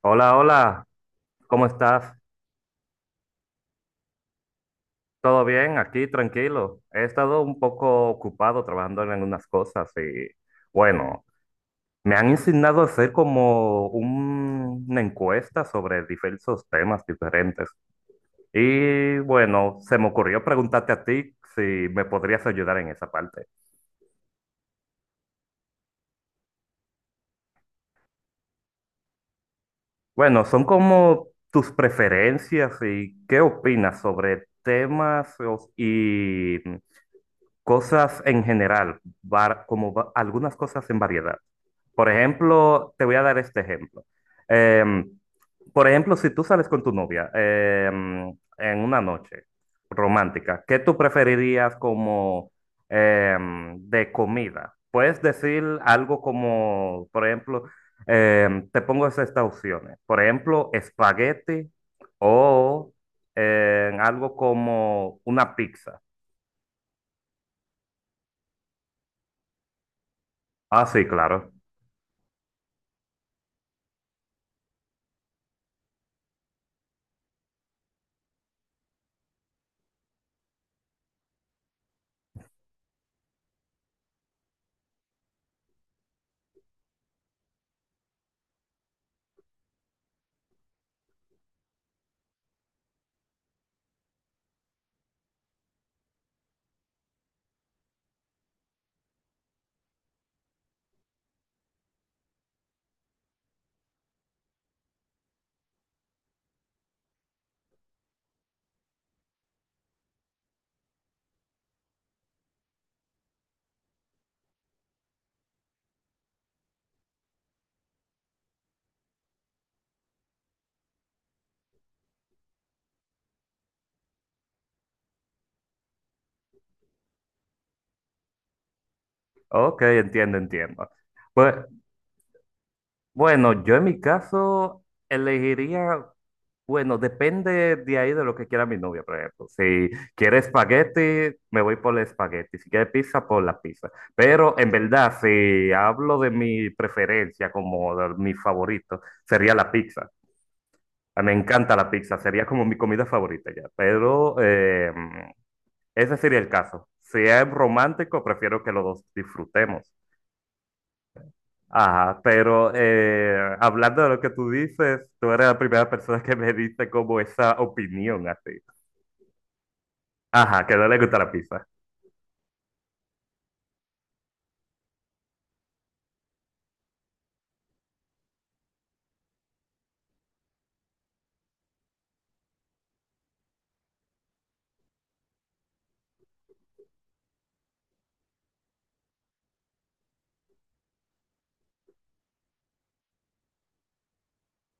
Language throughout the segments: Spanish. Hola, hola, ¿cómo estás? ¿Todo bien? Aquí, tranquilo. He estado un poco ocupado trabajando en algunas cosas y bueno, me han insignado hacer como una encuesta sobre diversos temas diferentes. Y bueno, se me ocurrió preguntarte a ti si me podrías ayudar en esa parte. Bueno, son como tus preferencias y qué opinas sobre temas o- y Cosas en general, algunas cosas en variedad. Por ejemplo, te voy a dar este ejemplo. Em, por ejemplo, si tú sales con tu novia en una noche romántica, ¿qué tú preferirías como de comida? Puedes decir algo como, por ejemplo, te pongo estas opciones. Por ejemplo, espagueti o algo como una pizza. Ah, sí, claro. Ok, entiendo, entiendo. Pues bueno, yo en mi caso elegiría, bueno, depende de ahí de lo que quiera mi novia, por ejemplo. Si quiere espagueti, me voy por el espagueti. Si quiere pizza, por la pizza. Pero en verdad, si hablo de mi preferencia como de mi favorito, sería la pizza. A mí me encanta la pizza, sería como mi comida favorita ya. Pero ese sería el caso. Si es romántico, prefiero que los dos disfrutemos. Ajá, pero hablando de lo que tú dices, tú eres la primera persona que me dice como esa opinión así. Ajá, que no le gusta la pizza.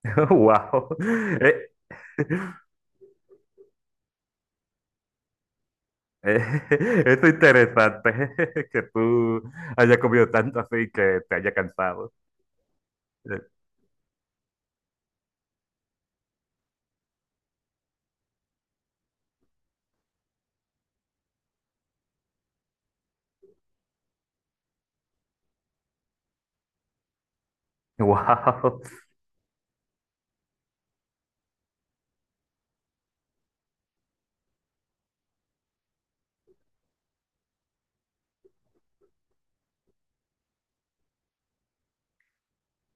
Wow. Eh, eh, es interesante que tú hayas comido tanto así que te haya cansado. Eh, Wow.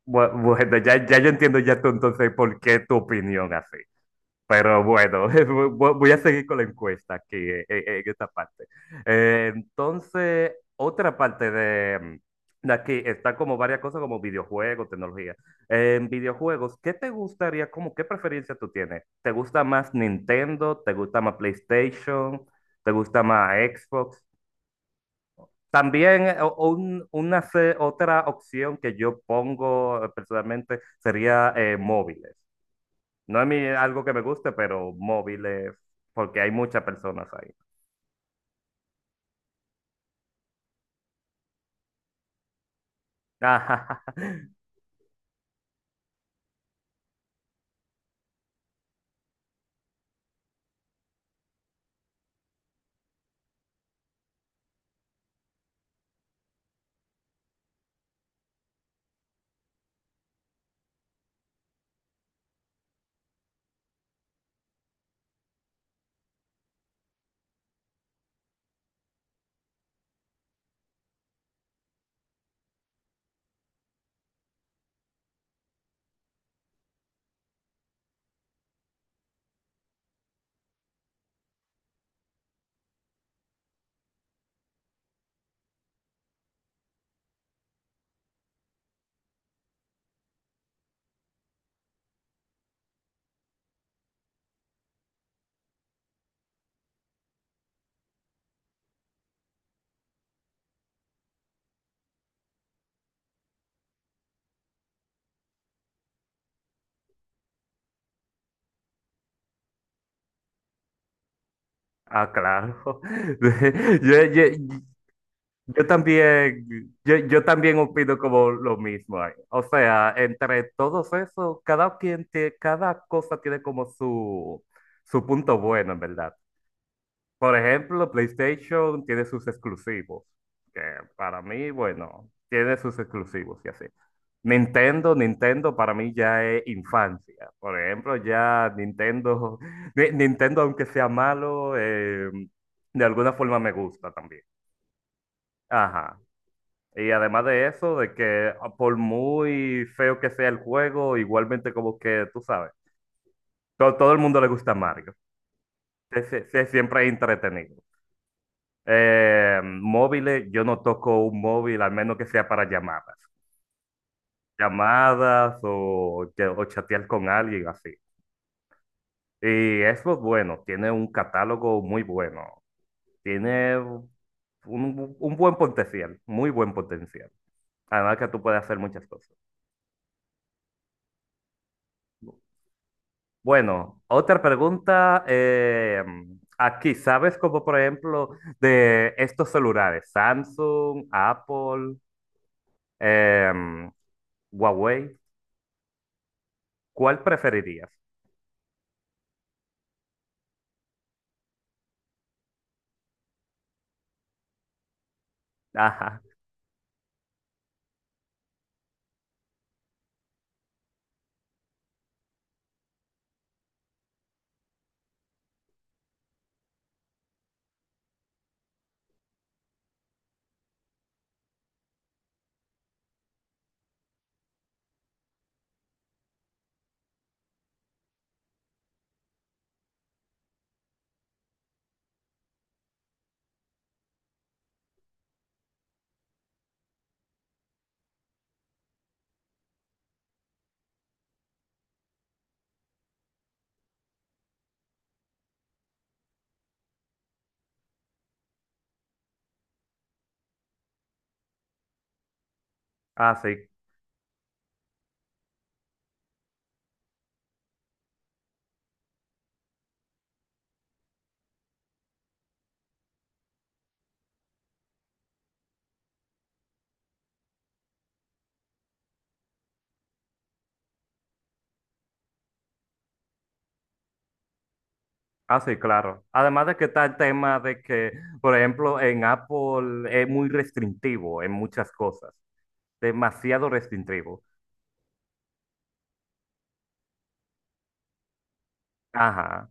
Bueno, ya, ya yo entiendo ya tú entonces por qué tu opinión así. Pero bueno, voy a seguir con la encuesta aquí en esta parte. Entonces, otra parte de, de aquí está como varias cosas como videojuegos, tecnología. En videojuegos, ¿qué te gustaría, como qué preferencia tú tienes? ¿Te gusta más Nintendo? ¿Te gusta más PlayStation? ¿Te gusta más Xbox? También o un- una se- otra opción que yo pongo personalmente sería móviles. No es mi- algo que me guste, pero móviles, porque hay muchas personas ahí. Ah, claro. Yo, yo- yo también, yo también opino como lo mismo ahí. O sea, entre todos esos, cada cosa tiene como su punto bueno, en verdad. Por ejemplo, PlayStation tiene sus exclusivos, que para mí, bueno, tiene sus exclusivos y así. Nintendo, Nintendo para mí ya es infancia. Por ejemplo, ya Nintendo, Nintendo aunque sea malo, de alguna forma me gusta también. Ajá. Y además de eso, de que ah, por muy feo que sea el juego, igualmente como que, tú sabes, todo el mundo le gusta Mario. Siempre es entretenido. Móviles, yo no toco un móvil, al menos que sea para llamadas. Llamadas o, o chatear con alguien así. Y eso es bueno, tiene un catálogo muy bueno. Tiene un buen potencial, muy buen potencial. Además que tú puedes hacer muchas cosas. Bueno, otra pregunta aquí, ¿sabes como por ejemplo de estos celulares, Samsung, Apple, em, Huawei? ¿Cuál preferirías? Ajá, así, así, claro. Además de que está el tema de que, por ejemplo, en Apple es muy restrictivo en muchas cosas, demasiado restrictivo. Ajá,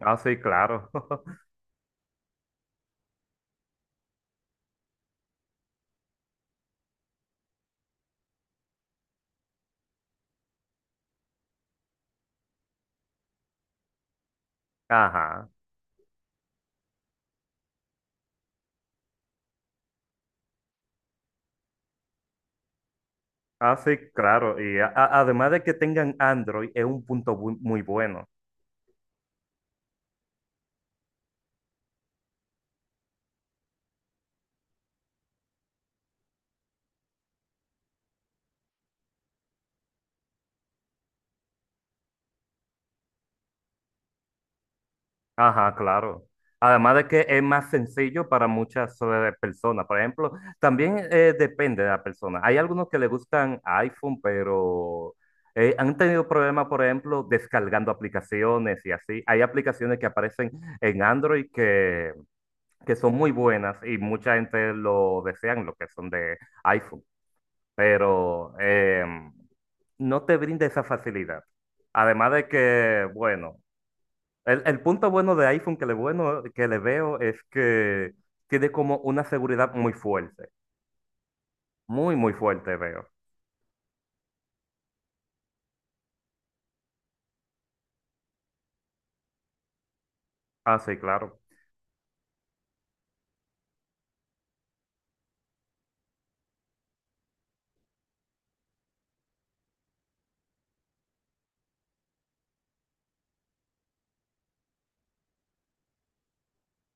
así, claro. Ajá, así, claro. Y además de que tengan Android, es un muy bueno. Ajá, claro. Además de que es más sencillo para muchas personas. Por ejemplo, también depende de la persona. Hay algunos que le gustan iPhone, pero han tenido problemas, por ejemplo, descargando aplicaciones y así. Hay aplicaciones que aparecen en Android que son muy buenas y mucha gente lo desean, lo que son de iPhone, pero no te brinda esa facilidad. Además de que, bueno. El punto bueno de iPhone que le, bueno, que le veo es que tiene como una seguridad muy fuerte. Muy, muy fuerte veo. Ah, sí, claro.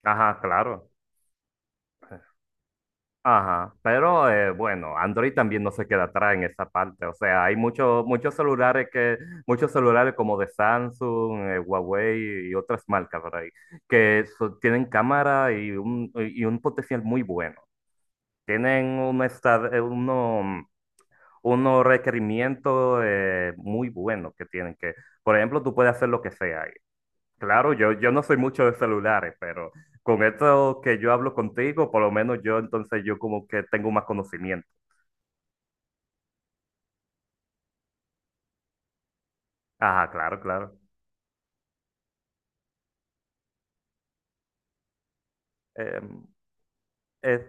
Ajá, claro. Ajá. Pero bueno, Android también no se queda atrás en esa parte. O sea, hay muchos muchos celulares que, muchos celulares como de Samsung, Huawei y otras marcas, ¿verdad? Tienen cámara y un potencial muy bueno. Tienen una, unos requerimientos muy buenos que tienen que, por ejemplo, tú puedes hacer lo que sea ahí. Claro, yo no soy mucho de celulares, pero con esto que yo hablo contigo, por lo menos yo entonces yo como que tengo más conocimiento. Ajá, claro, claro. Eh, es-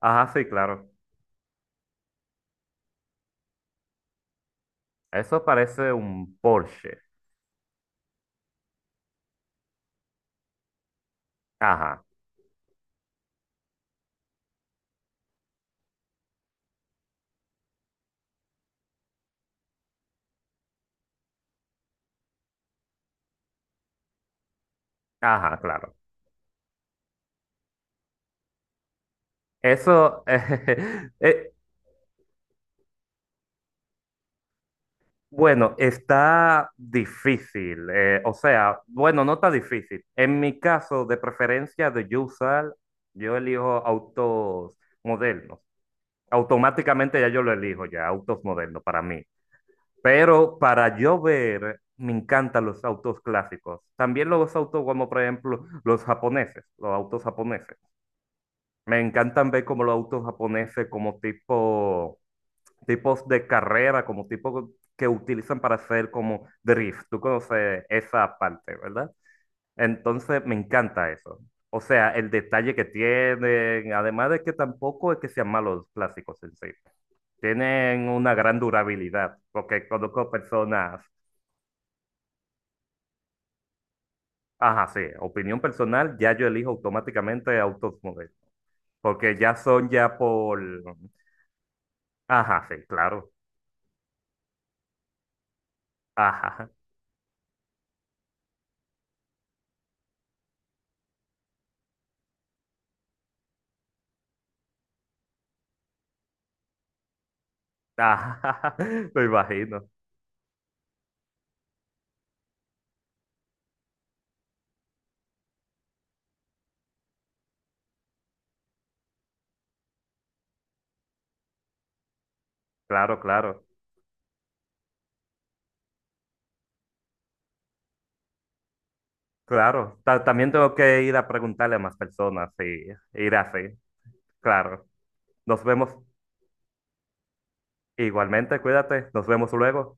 ajá, sí, claro. Eso parece un Porsche. Ajá, ajá, claro. Eso, eh, Bueno, está difícil. O sea, bueno, no está difícil. En mi caso, de preferencia de yo usar, yo elijo autos modernos. Automáticamente ya yo lo elijo, ya autos modernos para mí. Pero para yo ver, me encantan los autos clásicos. También los autos como, por ejemplo, los japoneses, los autos japoneses. Me encantan ver como los autos japoneses como tipo tipos de carrera, como tipos que utilizan para hacer como drift. Tú conoces esa parte, ¿verdad? Entonces me encanta eso. O sea, el detalle que tienen, además de que tampoco es que sean malos los plásticos en sí. Tienen una gran durabilidad, porque conozco personas, ajá, sí, opinión personal, ya yo elijo automáticamente autos modelo, porque ya son ya por, ajá, sí, claro, ajá, ajá, me imagino, claro, claro. Claro, también tengo que ir a preguntarle a más personas y ir así. Claro, nos vemos igualmente, cuídate, nos vemos luego.